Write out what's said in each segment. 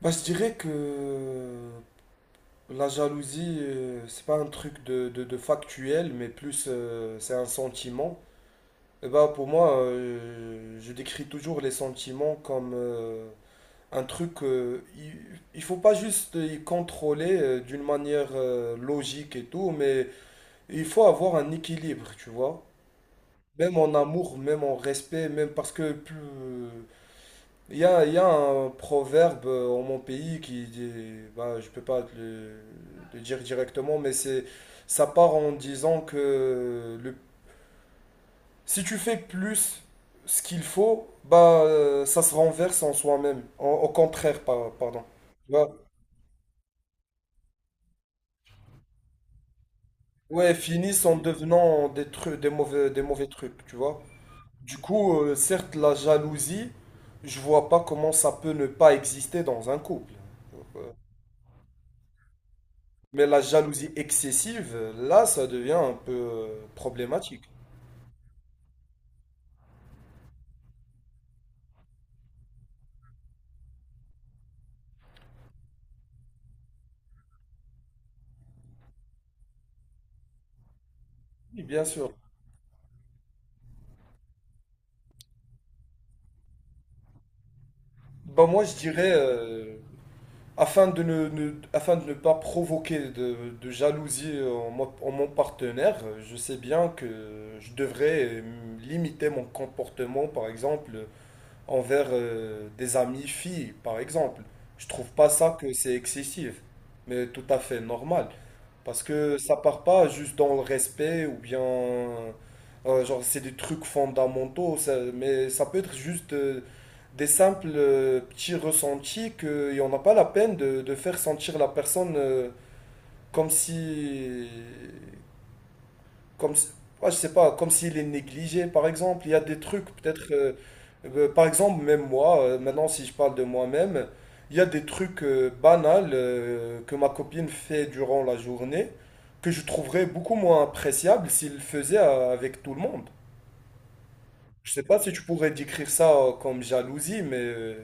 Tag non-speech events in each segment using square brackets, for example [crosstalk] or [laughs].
Je dirais que la jalousie, c'est pas un truc de factuel, mais plus c'est un sentiment. Et pour moi, je décris toujours les sentiments comme un truc. Il faut pas juste y contrôler d'une manière logique et tout, mais il faut avoir un équilibre, tu vois. Même en amour, même en respect, même parce que plus, il y a un proverbe en mon pays qui dit, bah, je peux pas le dire directement, mais c'est, ça part en disant que le, si tu fais plus ce qu'il faut, ça se renverse en soi-même. Au contraire, pardon. Tu vois? Ouais, finissent en devenant des trucs, des mauvais trucs, tu vois. Du coup, certes, la jalousie, je vois pas comment ça peut ne pas exister dans un couple. Mais la jalousie excessive, là, ça devient un peu problématique. Oui, bien sûr. Bah moi, je dirais, afin de afin de ne pas provoquer de jalousie en, en mon partenaire, je sais bien que je devrais limiter mon comportement, par exemple, envers des amis filles, par exemple. Je trouve pas ça que c'est excessif, mais tout à fait normal. Parce que ça part pas juste dans le respect ou bien, genre, c'est des trucs fondamentaux, mais ça peut être juste des simples petits ressentis que et on n'a pas la peine de faire sentir la personne comme si, comme, si- ouais, je sais pas, comme s'il est négligé, par exemple. Il y a des trucs, peut-être, par exemple, même moi, maintenant, si je parle de moi-même, il y a des trucs banals que ma copine fait durant la journée que je trouverais beaucoup moins appréciable s'il le faisait avec tout le monde. Je sais pas si tu pourrais décrire ça comme jalousie, mais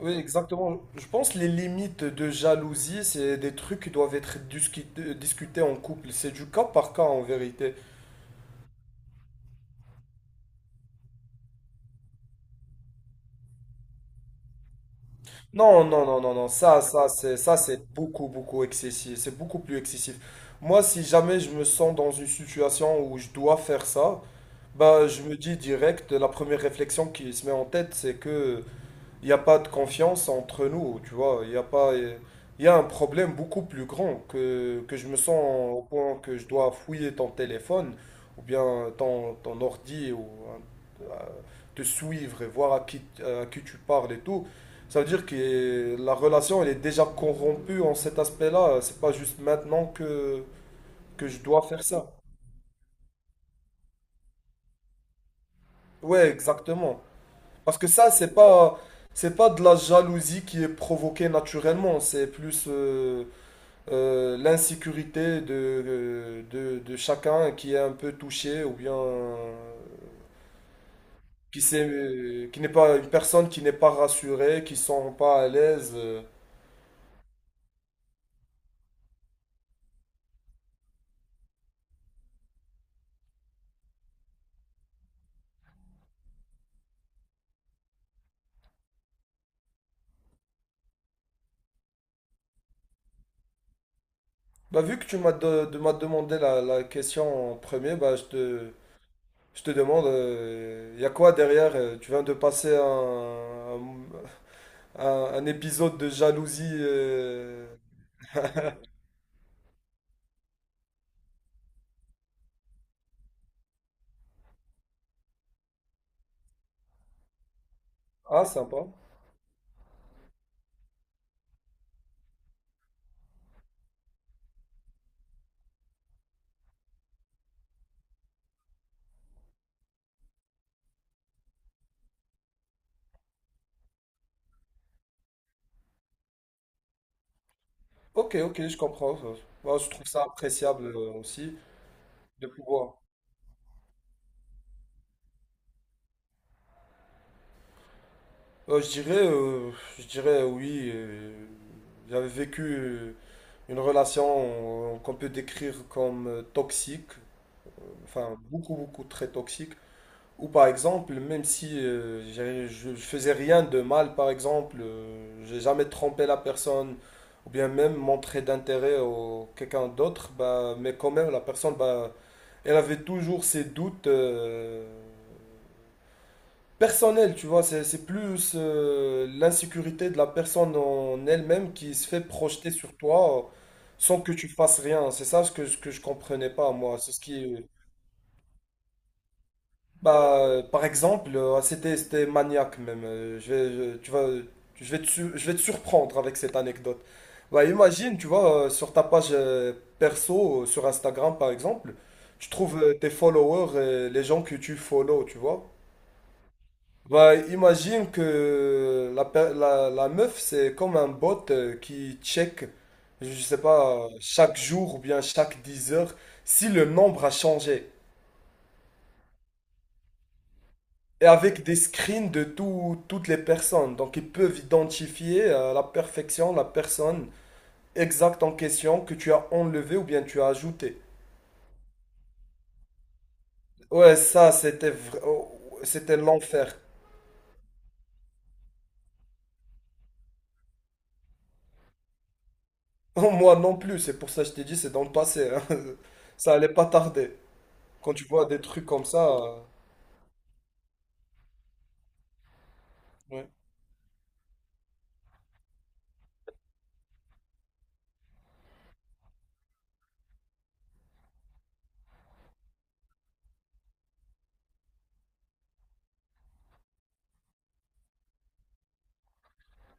oui, exactement. Je pense que les limites de jalousie, c'est des trucs qui doivent être discutés en couple. C'est du cas par cas en vérité. Non, non, non, non, non, ça, c'est beaucoup, beaucoup excessif, c'est beaucoup plus excessif. Moi, si jamais je me sens dans une situation où je dois faire ça, bah, je me dis direct, la première réflexion qui se met en tête, c'est que il n'y a pas de confiance entre nous, tu vois. Il y a pas, il y a un problème beaucoup plus grand que je me sens au point que je dois fouiller ton téléphone ou bien ton ordi ou euh, te suivre et voir à qui tu parles et tout. Ça veut dire que la relation, elle est déjà corrompue en cet aspect-là. C'est pas juste maintenant que je dois faire ça. Ouais, exactement. Parce que ça, c'est pas de la jalousie qui est provoquée naturellement. C'est plus, l'insécurité de chacun qui est un peu touché ou bien qui sait, qui n'est pas une personne qui n'est pas rassurée, qui ne sont pas à l'aise. Bah, vu que tu m'as demandé la question en premier, je te demande, il y a quoi derrière? Tu viens de passer un, un épisode de jalousie. Ah, sympa. Ok, ok, je comprends. Bah, je trouve ça appréciable aussi de pouvoir. Euh, je dirais, euh, je dirais oui. J'avais vécu une relation qu'on peut décrire comme toxique, enfin beaucoup, beaucoup très toxique. Ou par exemple, même si je faisais rien de mal, par exemple, j'ai jamais trompé la personne, ou bien même montré d'intérêt au quelqu'un d'autre, bah, mais quand même la personne, bah, elle avait toujours ses doutes. Personnel, tu vois, c'est plus l'insécurité de la personne en elle-même qui se fait projeter sur toi sans que tu fasses rien. C'est ça ce ce que je comprenais pas, moi. C'est ce qui. Bah, par exemple, c'était maniaque même. Je vais, je- tu vas, je vais te, su- Je vais te surprendre avec cette anecdote. Bah, imagine, tu vois, sur ta page perso, sur Instagram par exemple, tu trouves tes followers, et les gens que tu follow, tu vois. Bah, imagine que la meuf, c'est comme un bot qui check, je sais pas, chaque jour ou bien chaque 10 heures, si le nombre a changé. Et avec des screens de toutes les personnes. Donc, ils peuvent identifier à la perfection la personne exacte en question que tu as enlevée ou bien tu as ajoutée. Ouais, ça, c'était l'enfer. [laughs] Moi non plus, c'est pour ça que je t'ai dit, c'est dans le passé, hein. [laughs] Ça allait pas tarder. Quand tu vois des trucs comme ça. Ouais.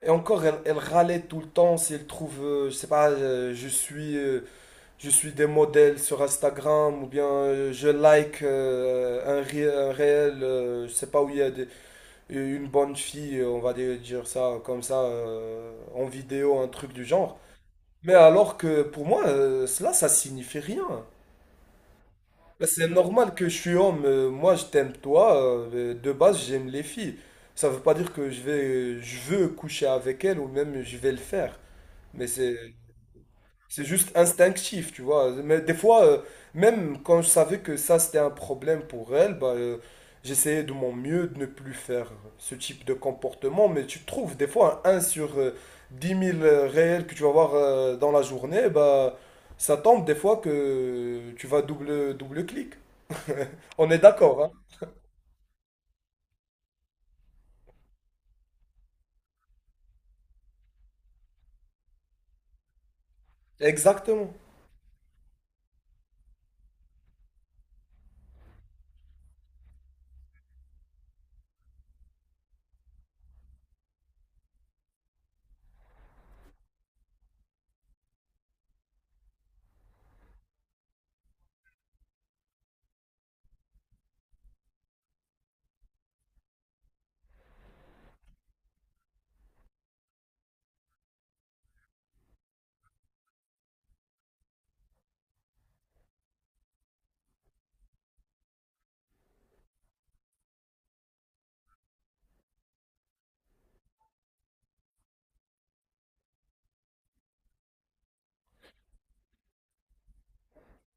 Et encore, elle, elle râlait tout le temps si elle trouve, je sais pas, je suis des modèles sur Instagram ou bien je like un réel, je sais pas où il y a une bonne fille, on va dire ça comme ça, en vidéo, un truc du genre. Mais alors que pour moi, cela, ça signifie rien. Bah, c'est normal que je suis homme. Moi, je t'aime toi. De base, j'aime les filles. Ça veut pas dire que je veux coucher avec elles ou même je vais le faire. Mais c'est, c'est juste instinctif, tu vois. Mais des fois, même quand je savais que ça c'était un problème pour elles, j'essayais de mon mieux de ne plus faire ce type de comportement. Mais tu trouves des fois un 1 sur 10 000 réels que tu vas voir dans la journée, bah, ça tombe des fois que tu vas double clic. On est d'accord, hein? Exactement.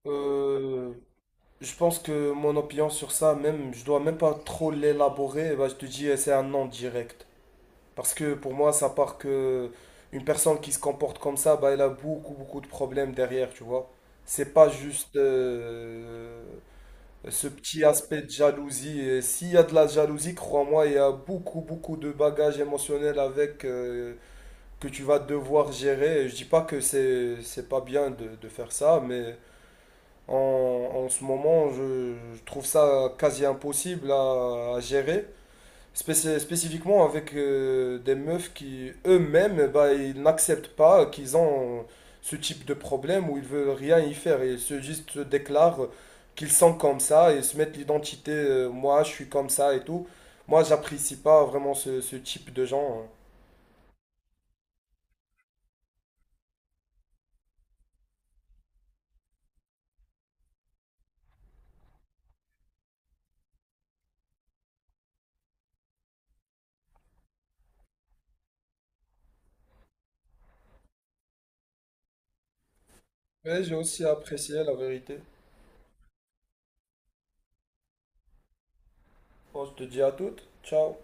Euh, je pense que mon opinion sur ça, même, je dois même pas trop l'élaborer. Bah, je te dis, eh, c'est un non direct. Parce que pour moi, ça part que une personne qui se comporte comme ça, bah, elle a beaucoup, beaucoup de problèmes derrière, tu vois. C'est pas juste ce petit aspect de jalousie. Et s'il y a de la jalousie, crois-moi, il y a beaucoup, beaucoup de bagages émotionnels avec que tu vas devoir gérer. Et je dis pas que c'est pas bien de faire ça, mais en ce moment, je trouve ça quasi impossible à gérer, spécifiquement avec des meufs qui eux-mêmes, bah, ils n'acceptent pas qu'ils ont ce type de problème où ils veulent rien y faire. Ils se déclarent qu'ils sont comme ça et se mettent l'identité, moi je suis comme ça et tout. Moi, j'apprécie pas vraiment ce type de gens, hein. Mais j'ai aussi apprécié la vérité. Bon, je te dis à toutes. Ciao.